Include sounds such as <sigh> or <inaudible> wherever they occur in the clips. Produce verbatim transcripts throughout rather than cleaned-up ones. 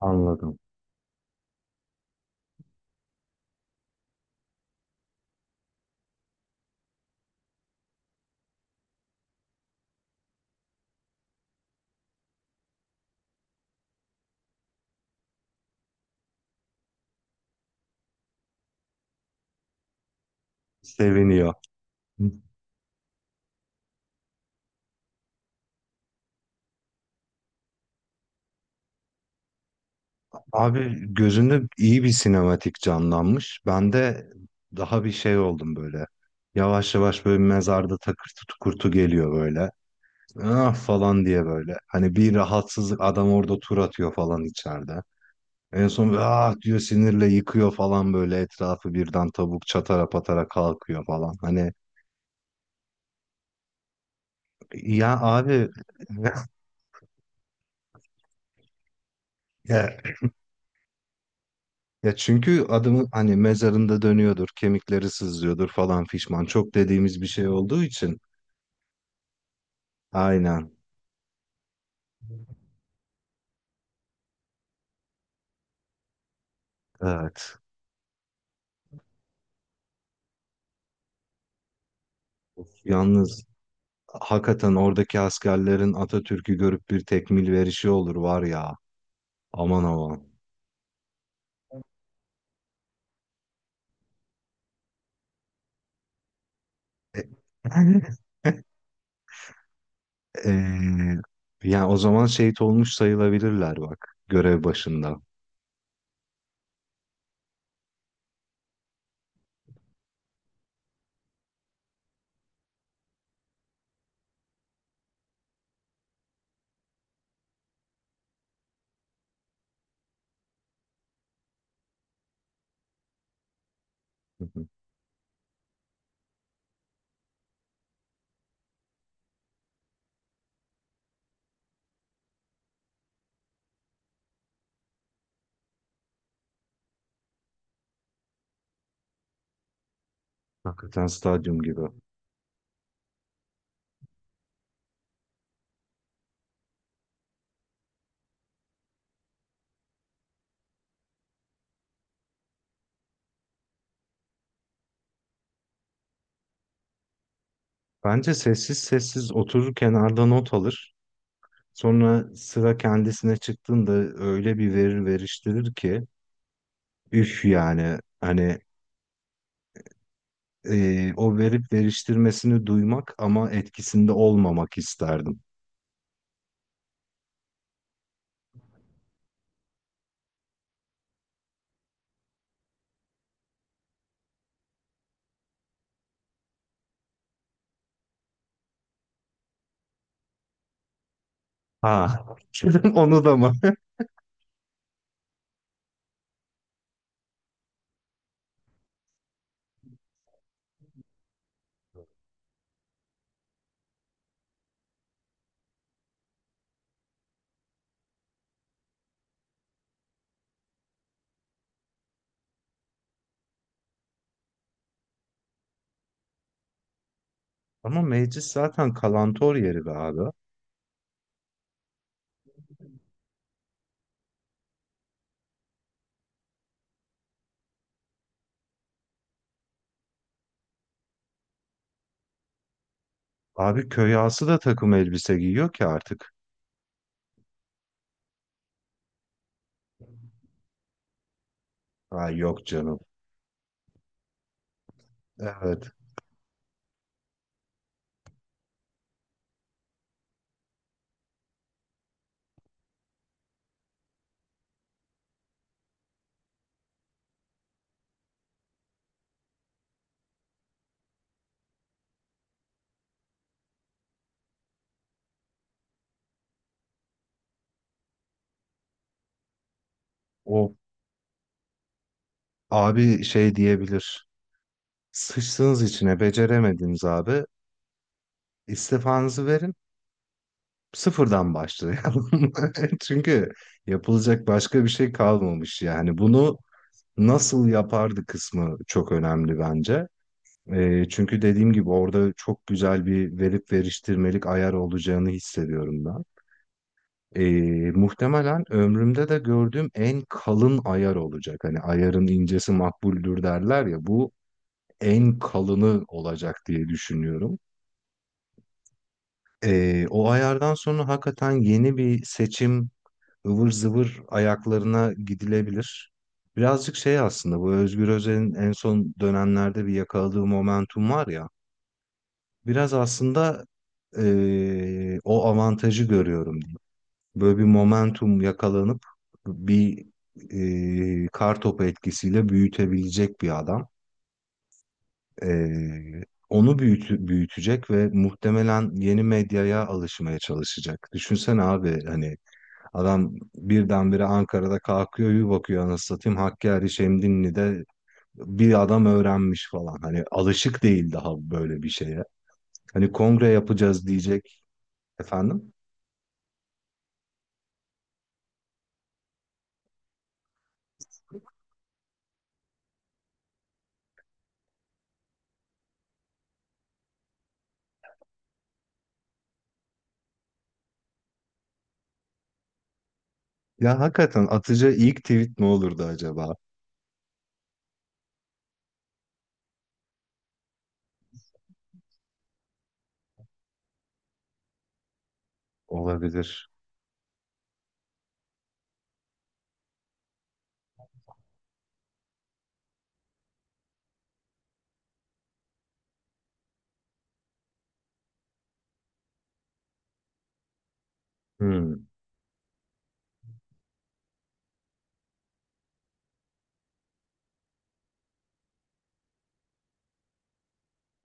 Anladım. Seviniyor. Abi gözünde iyi bir sinematik canlanmış. Ben de daha bir şey oldum böyle. Yavaş yavaş böyle mezarda takır kurtu geliyor böyle. Ah falan diye böyle. Hani bir rahatsızlık adam orada tur atıyor falan içeride. En son böyle ah diyor sinirle yıkıyor falan böyle etrafı birden tavuk çatara patara kalkıyor falan. Hani ya abi <laughs> ya ya çünkü adamın hani mezarında dönüyordur, kemikleri sızlıyordur falan fişman. Çok dediğimiz bir şey olduğu için. Aynen. Evet. Yalnız hakikaten oradaki askerlerin Atatürk'ü görüp bir tekmil verişi olur var ya. Aman aman. E, <laughs> Eee, yani o zaman şehit olmuş sayılabilirler bak görev başında. Hı hı. Hakikaten stadyum gibi. Bence sessiz sessiz oturur kenarda not alır. Sonra sıra kendisine çıktığında öyle bir verir veriştirir ki üf yani hani e, o verip veriştirmesini duymak ama etkisinde olmamak isterdim. Ha, <laughs> onu da mı? <laughs> Ama meclis zaten kalantor yeri be abi. Abi köy ağası da takım elbise giyiyor ki artık. Ay yok canım. Evet. O abi şey diyebilir. Sıçtığınız içine beceremediniz abi. İstifanızı verin. Sıfırdan başlayalım. <laughs> Çünkü yapılacak başka bir şey kalmamış yani. Bunu nasıl yapardı kısmı çok önemli bence. Ee, çünkü dediğim gibi orada çok güzel bir verip veriştirmelik ayar olacağını hissediyorum ben. Ee, muhtemelen ömrümde de gördüğüm en kalın ayar olacak. Hani ayarın incesi makbuldür derler ya bu en kalını olacak diye düşünüyorum. Ee, o ayardan sonra hakikaten yeni bir seçim ıvır zıvır ayaklarına gidilebilir. Birazcık şey aslında bu Özgür Özel'in en son dönemlerde bir yakaladığı momentum var ya. Biraz aslında eee, o avantajı görüyorum diyeyim. Böyle bir momentum yakalanıp bir eee kar topu etkisiyle büyütebilecek bir adam. Eee, onu büyütü- büyütecek ve muhtemelen yeni medyaya alışmaya çalışacak. Düşünsene abi hani adam birdenbire Ankara'da kalkıyor bir bakıyor anasını satayım Hakkari Şemdinli'de bir adam öğrenmiş falan. Hani alışık değil daha böyle bir şeye. Hani kongre yapacağız diyecek efendim. Ya hakikaten atıcı ilk tweet ne olurdu acaba? Olabilir. Hmm,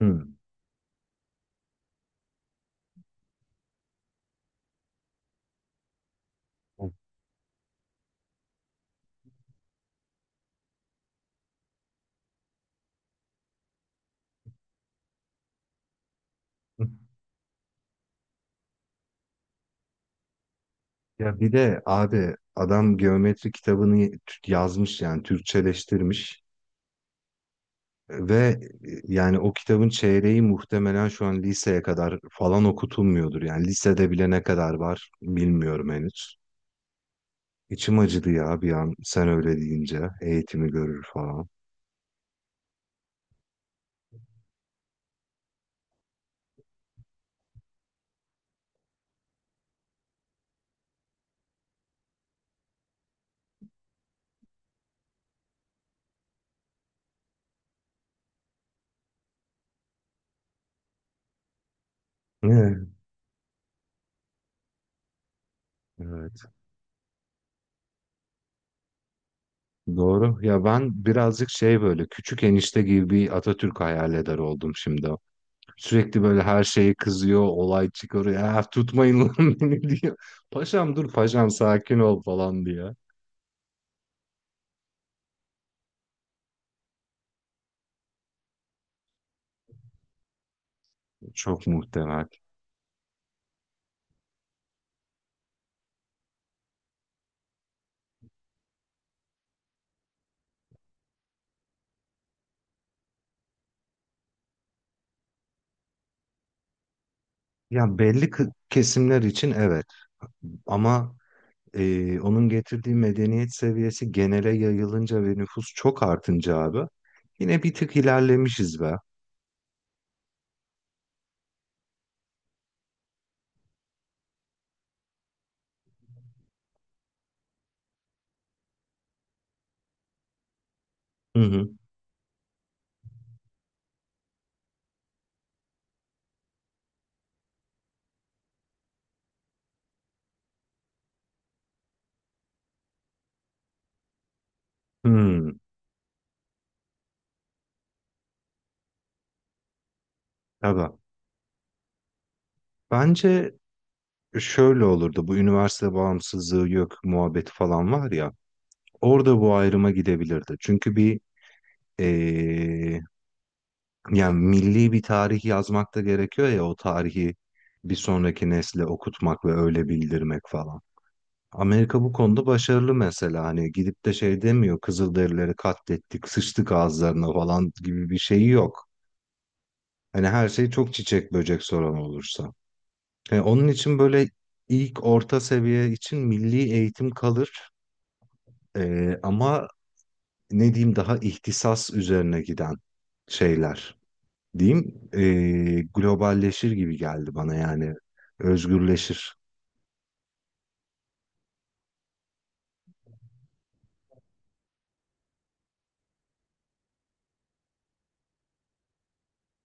hmm. <laughs> Ya bir de abi adam geometri kitabını yazmış yani Türkçeleştirmiş. Ve e, yani o kitabın çeyreği muhtemelen şu an liseye kadar falan okutulmuyordur. Yani lisede bile ne kadar var bilmiyorum henüz. İçim acıdı ya bir an sen öyle deyince eğitimi görür falan. Ne? Evet. Doğru. Ya ben birazcık şey böyle küçük enişte gibi bir Atatürk hayal eder oldum şimdi. Sürekli böyle her şeye kızıyor, olay çıkarıyor. Ya tutmayın lan <laughs> beni diyor. Paşam dur paşam sakin ol falan diye. Çok muhtemel. Ya belli kı- kesimler için evet ama e, onun getirdiği medeniyet seviyesi genele yayılınca ve nüfus çok artınca abi yine bir tık ilerlemişiz be. Hı hı. Hmm, tabii. Bence şöyle olurdu bu üniversite bağımsızlığı yok muhabbeti falan var ya orada bu ayrıma gidebilirdi. Çünkü bir e, yani milli bir tarih yazmak da gerekiyor ya o tarihi bir sonraki nesle okutmak ve öyle bildirmek falan. Amerika bu konuda başarılı mesela hani gidip de şey demiyor Kızılderilileri katlettik sıçtık ağızlarına falan gibi bir şeyi yok. Hani her şey çok çiçek böcek soran olursa. Yani onun için böyle ilk orta seviye için milli eğitim kalır. Ee, ama ne diyeyim daha ihtisas üzerine giden şeyler diyeyim, ee, globalleşir gibi geldi bana yani, özgürleşir.